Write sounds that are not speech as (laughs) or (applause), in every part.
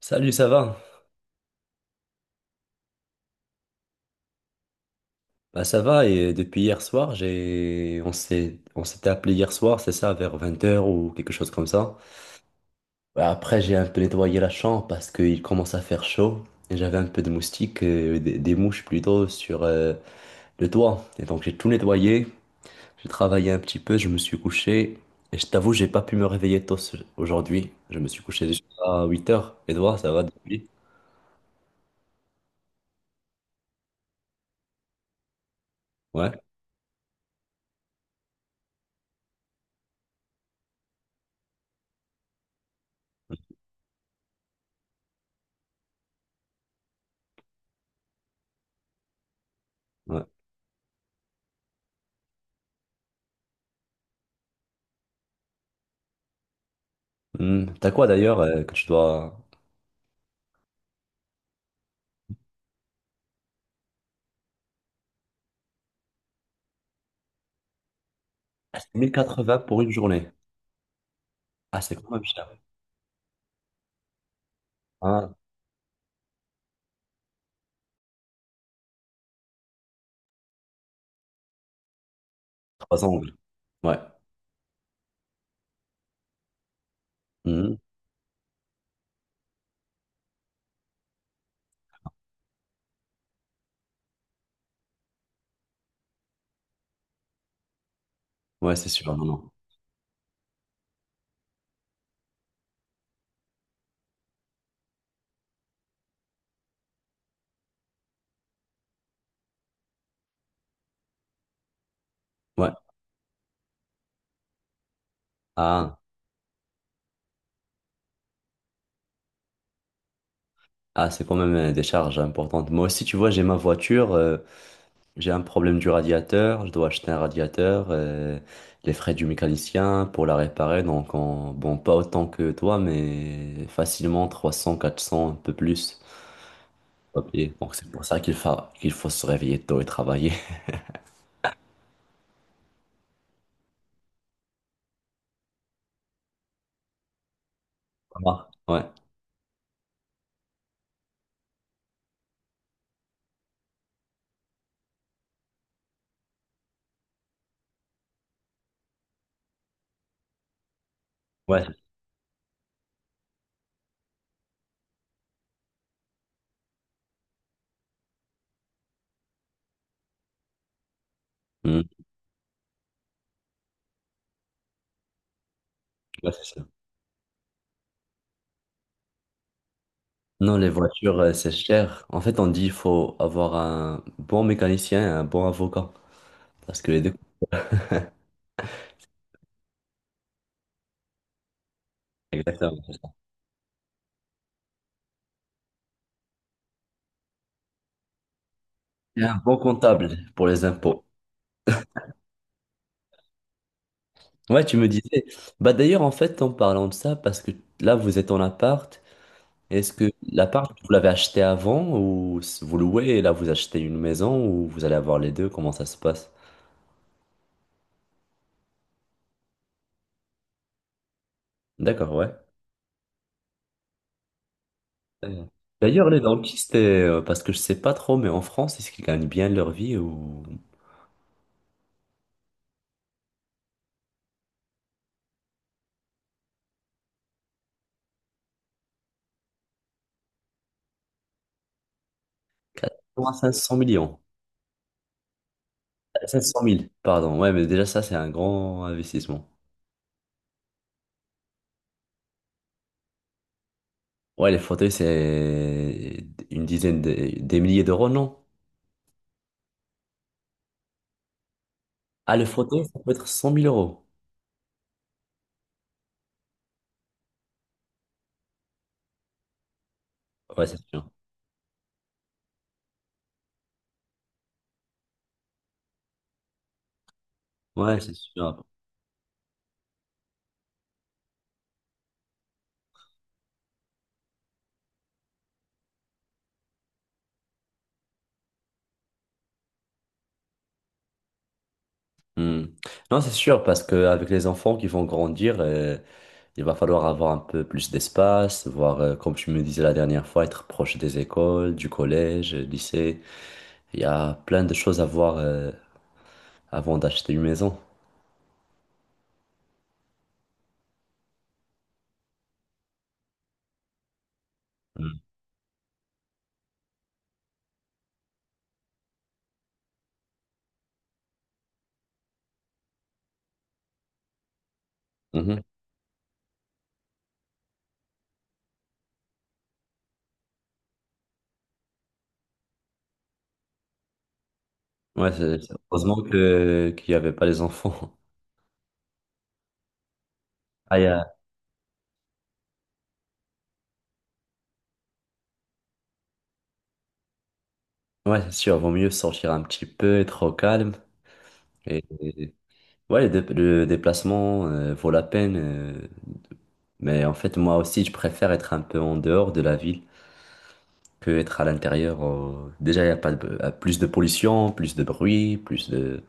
Salut, ça va? Bah ça va et depuis hier soir, j'ai on s'est on s'était appelé hier soir, c'est ça, vers 20h ou quelque chose comme ça. Bah, après, j'ai un peu nettoyé la chambre parce qu'il commence à faire chaud et j'avais un peu de moustiques, des mouches plutôt sur le toit. Et donc j'ai tout nettoyé, j'ai travaillé un petit peu, je me suis couché et je t'avoue, j'ai pas pu me réveiller tôt aujourd'hui. Je me suis couché juste à 8h. Et toi, ça va depuis? Ouais. Ouais. Hmm. T'as quoi d'ailleurs que tu dois 1080 pour une journée? Ah, c'est quand même cher. Ah, trois angles. Ouais. Mhm. Ouais, c'est sûr. Non, non. Ouais. Ah, ah, c'est quand même des charges importantes. Moi aussi, tu vois, j'ai ma voiture, j'ai un problème du radiateur, je dois acheter un radiateur, les frais du mécanicien pour la réparer. Donc, bon, pas autant que toi, mais facilement 300 400 un peu plus. Ok. Donc, c'est pour ça qu'il faut se réveiller tôt et travailler. (laughs) Ça marche. Ouais. Ouais. Mhm. Ouais, c'est ça. Non, les voitures, c'est cher. En fait, on dit il faut avoir un bon mécanicien et un bon avocat. Parce que les deux, exactement, c'est ça. Et un bon comptable pour les impôts. Ouais, tu me disais. Bah d'ailleurs, en fait, en parlant de ça, parce que là, vous êtes en appart. Est-ce que l'appart, vous l'avez acheté avant ou vous louez et là, vous achetez une maison ou vous allez avoir les deux? Comment ça se passe? D'accord, ouais. Euh, D'ailleurs, les dentistes, parce que je sais pas trop, mais en France, est-ce qu'ils gagnent bien leur vie ou 400 à 500 millions? 700 000, pardon. Ouais, mais déjà, ça, c'est un grand investissement. Ouais, les fauteuils, c'est une dizaine des milliers d'euros, non? Ah, le fauteuil, ça peut être 100 000 euros. Ouais, c'est sûr. Ouais, c'est sûr. Hmm. Non, c'est sûr, parce qu'avec les enfants qui vont grandir, il va falloir avoir un peu plus d'espace, voir, comme tu me disais la dernière fois, être proche des écoles, du collège, lycée. Il y a plein de choses à voir, avant d'acheter une maison. Hmm. Mhm. Ouais, heureusement que qu'il n'y avait pas les enfants. Ah. Ouais, c'est sûr, vaut mieux sortir un petit peu, être au calme. Et... et- Ouais, le déplacement vaut la peine. Mais en fait, moi aussi, je préfère être un peu en dehors de la ville que être à l'intérieur. Déjà, il y a pas plus de pollution, plus de bruit, plus de...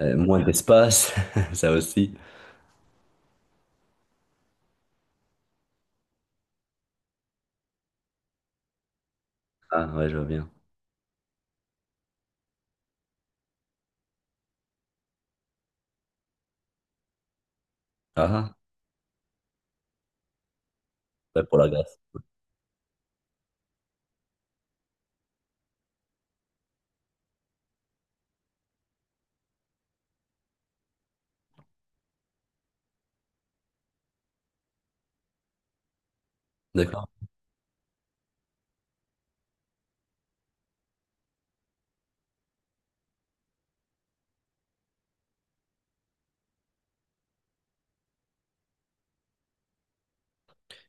euh, moins d'espace, (laughs) ça aussi. Ah, ouais, je vois bien. Ah, ah, ouais, pour la glace. D'accord.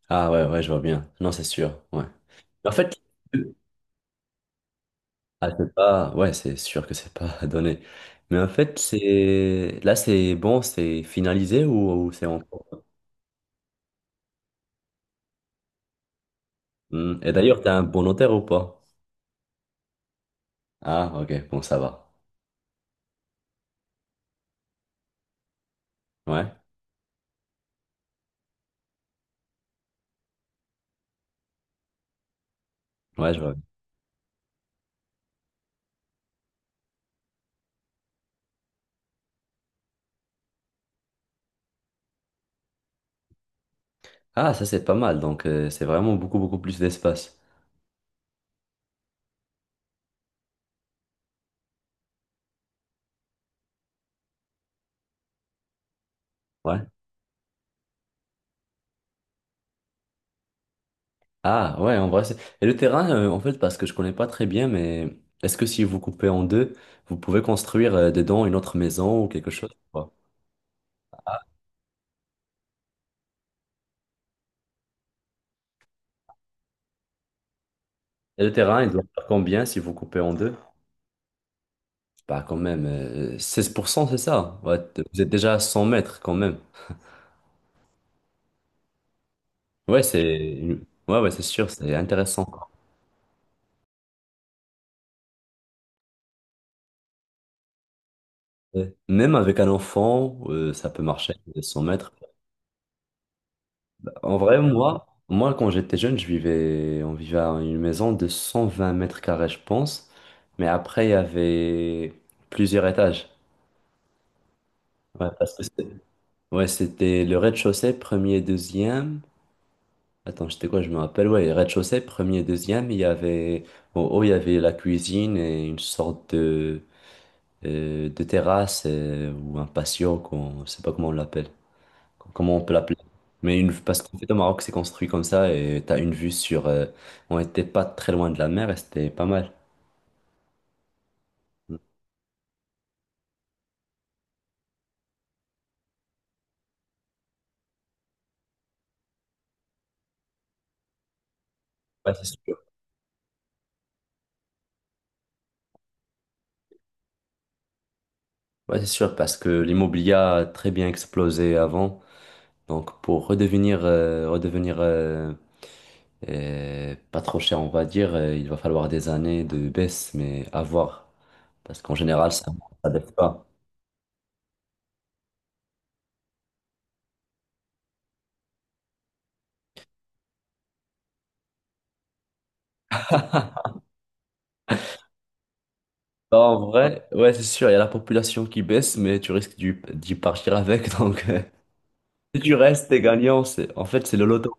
Ah, ouais, ouais, je vois bien. Non, c'est sûr, ouais. En fait, ah, c'est pas, ouais, c'est sûr que c'est pas (laughs) donné. Mais en fait, c'est là, c'est bon, c'est finalisé ou c'est encore. Hmm. Et d'ailleurs, t'es un bon notaire ou pas? Ah, ok, bon, ça va. Ouais, ouais, je vois. Ah, ça, c'est pas mal. Donc, c'est vraiment beaucoup, beaucoup plus d'espace. Ouais. Ah, ouais, en vrai, c'est. Et le terrain, en fait, parce que je connais pas très bien, mais est-ce que si vous coupez en deux, vous pouvez construire dedans une autre maison ou quelque chose ou pas? Et le terrain, il doit faire combien si vous coupez en deux? Bah quand même, 16% c'est ça. Ouais, vous êtes déjà à 100 mètres quand même. Ouais, ouais, ouais, c'est sûr, c'est intéressant, quoi. Ouais. Même avec un enfant, ça peut marcher, 100 mètres. En vrai, moi quand j'étais jeune, je vivais, on vivait à une maison de 120 mètres carrés, je pense. Mais après, il y avait plusieurs étages. Ouais, parce que c'était, ouais, c'était le rez-de-chaussée, premier et deuxième. Attends, c'était quoi? Je me rappelle, ouais, rez-de-chaussée, premier, deuxième, il y avait, en haut, il y avait la cuisine et une sorte de terrasse ou un patio, qu'on, je sais pas comment on l'appelle, comment on peut l'appeler. Mais une, parce qu'en fait, au Maroc, c'est construit comme ça et t'as une vue sur, on était pas très loin de la mer et c'était pas mal. Ouais, c'est sûr. Ouais, c'est sûr, parce que l'immobilier a très bien explosé avant. Donc, pour redevenir et pas trop cher, on va dire. Il va falloir des années de baisse, mais à voir. Parce qu'en général, ça ne baisse pas. Bah, en vrai, ouais, c'est sûr, il y a la population qui baisse, mais tu risques d'y partir avec. (laughs) Donc, si tu restes, t'es gagnant. C'est, en fait, c'est le loto.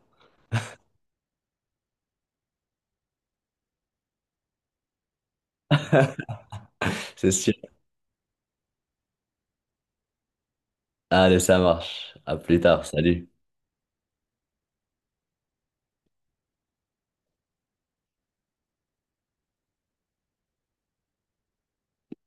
C'est sûr. Allez, ça marche. À plus tard. Salut.